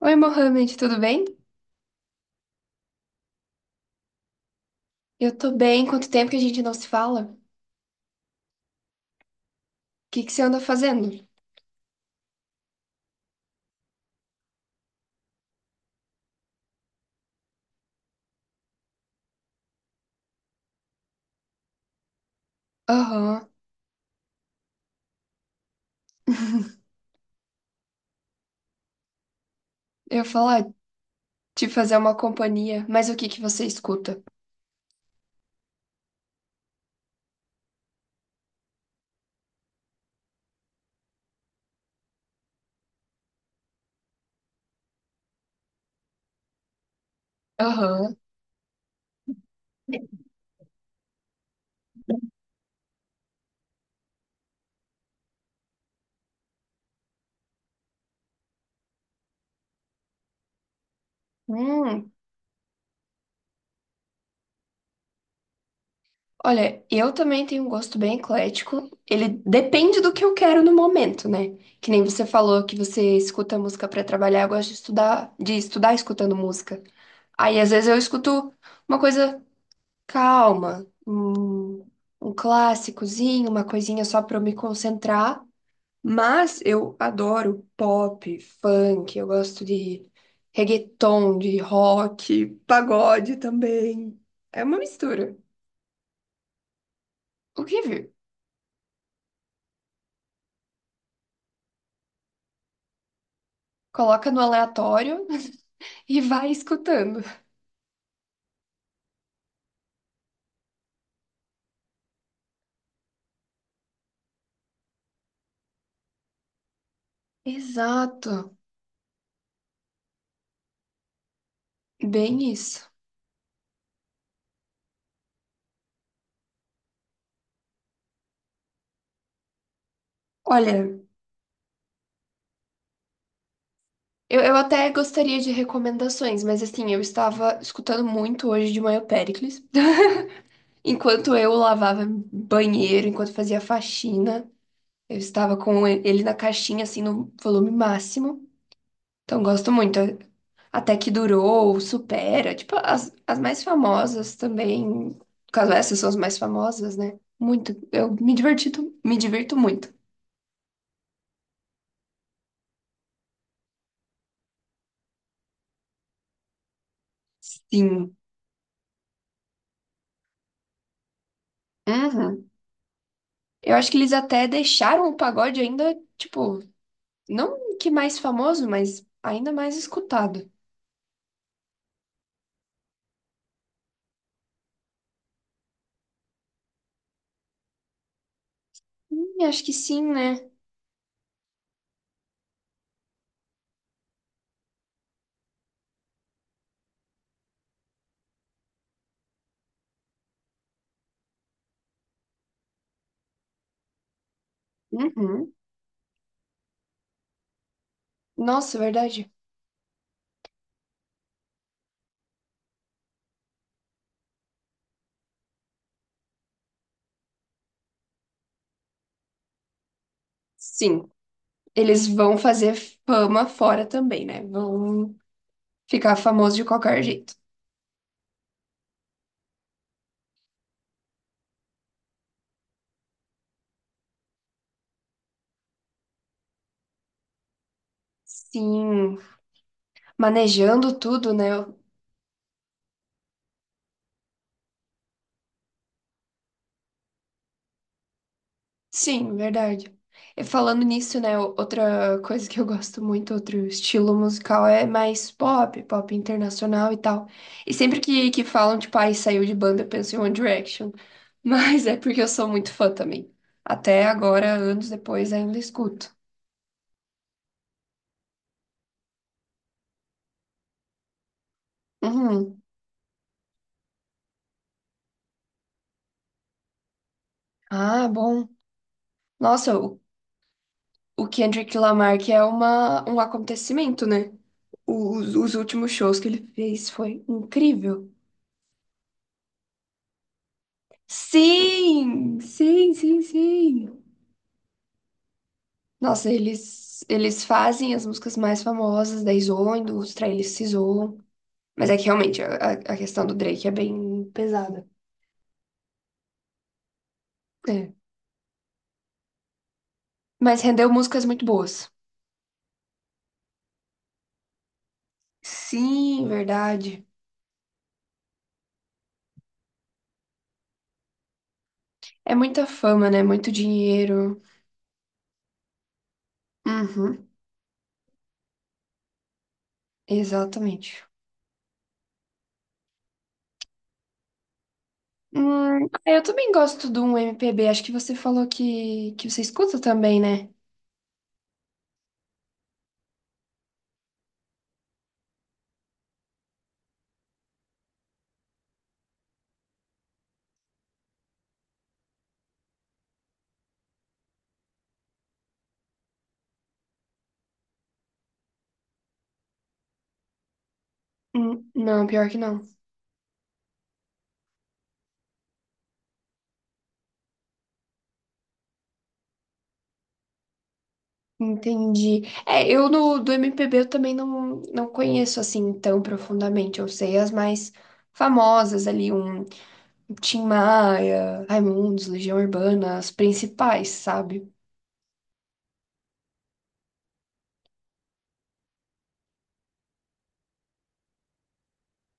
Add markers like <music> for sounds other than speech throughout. Oi, Mohamed, tudo bem? Eu tô bem. Quanto tempo que a gente não se fala? O que que você anda fazendo? Aham. <laughs> Eu ia falar de fazer uma companhia, mas o que que você escuta? Aham. Hum. Olha, eu também tenho um gosto bem eclético. Ele depende do que eu quero no momento, né? Que nem você falou que você escuta música pra trabalhar, eu gosto de estudar escutando música. Aí às vezes eu escuto uma coisa calma, um clássicozinho, uma coisinha só para eu me concentrar. Mas eu adoro pop, funk, eu gosto de reggaeton, de rock, pagode também. É uma mistura. O que vir? Coloca no aleatório <laughs> e vai escutando. Exato, bem isso. Olha, eu até gostaria de recomendações, mas assim, eu estava escutando muito hoje de manhã o Péricles. Enquanto eu lavava banheiro, enquanto fazia faxina, eu estava com ele na caixinha, assim, no volume máximo. Então, gosto muito. Até que durou, supera. Tipo, as mais famosas também. No caso, essas são as mais famosas, né? Muito. Eu me diverti, me divirto muito. Sim. Uhum. Eu acho que eles até deixaram o pagode ainda, tipo, não que mais famoso, mas ainda mais escutado. Acho que sim, né? Uhum. Nossa, é verdade. Sim, eles vão fazer fama fora também, né? Vão ficar famosos de qualquer jeito. Sim, manejando tudo, né? Eu- Sim, verdade. E falando nisso, né? o- Outra coisa que eu gosto muito, outro estilo musical é mais pop, pop internacional e tal. E sempre que falam, tipo, ai, saiu de banda, eu penso em One Direction. <laughs> Mas é porque eu sou muito fã também. Até agora, anos depois, ainda escuto. Uhum. Ah, bom. Nossa, o Kendrick Lamar, que é uma, um acontecimento, né? Os últimos shows que ele fez foi incrível. Sim, sim, sim, sim. Nossa, eles fazem as músicas mais famosas da Izone, dos trailers se zoam. Mas é que realmente a questão do Drake é bem pesada. É. Mas rendeu músicas muito boas. Sim, verdade. É muita fama, né? Muito dinheiro. Uhum, exatamente. É, eu também gosto de um MPB. Acho que você falou que você escuta também, né? Não, pior que não. Entendi. É, eu no, do MPB eu também não conheço assim tão profundamente. Eu sei as mais famosas ali, um Tim Maia, Raimundos, Legião Urbana, as principais, sabe?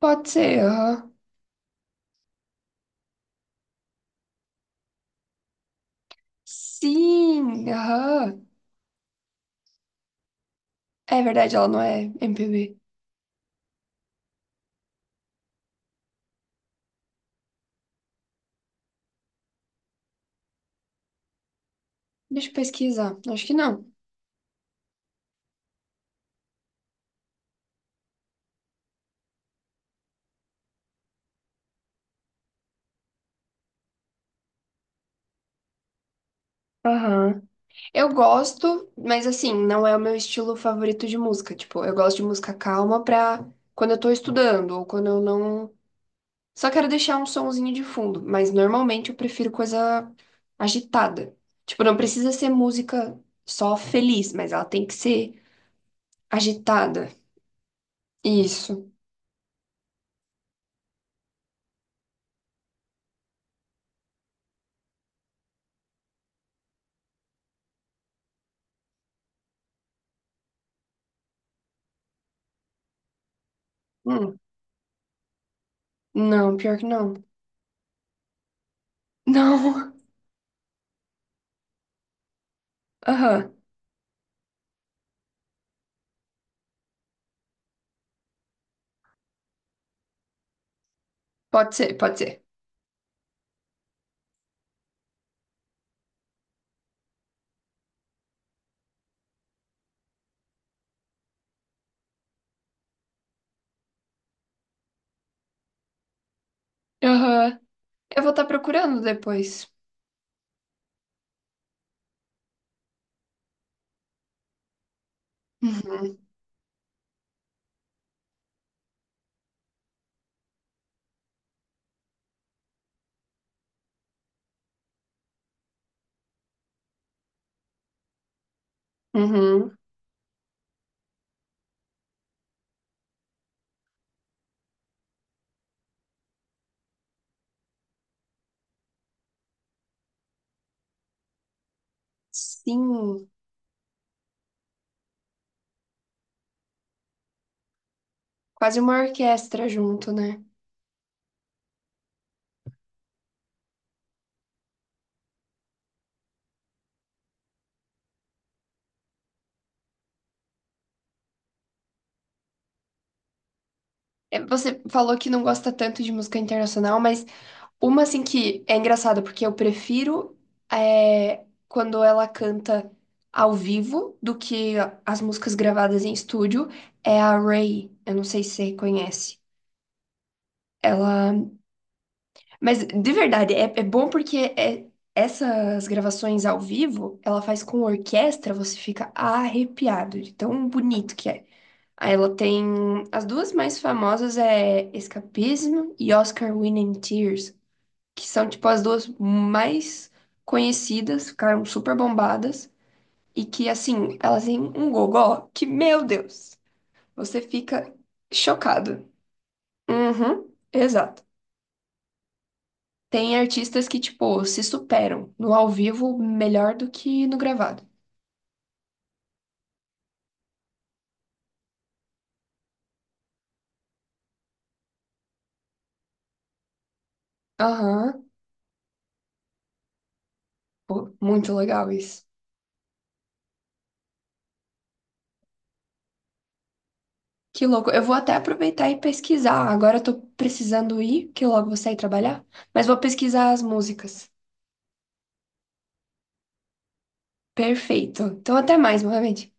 Pode ser, aham. Sim, aham. É verdade, ela não é MPB. Deixa eu pesquisar. Acho que não. Aham. Eu gosto, mas assim, não é o meu estilo favorito de música. Tipo, eu gosto de música calma pra quando eu tô estudando ou quando eu não. Só quero deixar um sonzinho de fundo, mas normalmente eu prefiro coisa agitada. Tipo, não precisa ser música só feliz, mas ela tem que ser agitada. Isso. Hum. Não, pior que não. <laughs> Não. Aham. Pode ser, pode ser. Aham. Eu vou estar procurando depois. Uhum. Uhum. Sim. Quase uma orquestra junto, né? É, Você falou que não gosta tanto de música internacional, mas uma assim que é engraçada, porque eu prefiro é, quando ela canta ao vivo do que as músicas gravadas em estúdio, é a Ray. Eu não sei se você conhece. Ela. Mas de verdade, é bom porque é- essas gravações ao vivo, ela faz com orquestra, você fica arrepiado de tão bonito que é. Aí Ela tem as duas mais famosas é Escapismo e Oscar Winning Tears, que são tipo as duas mais conhecidas, ficaram super bombadas e que assim, elas têm um gogó que, meu Deus, você fica chocado. Uhum, exato. Tem artistas que tipo se superam no ao vivo melhor do que no gravado. Aham, pô, muito legal isso. Que louco. Eu vou até aproveitar e pesquisar. Agora eu tô precisando ir, que logo vou sair trabalhar. Mas vou pesquisar as músicas. Perfeito. Então, até mais, Mohamed.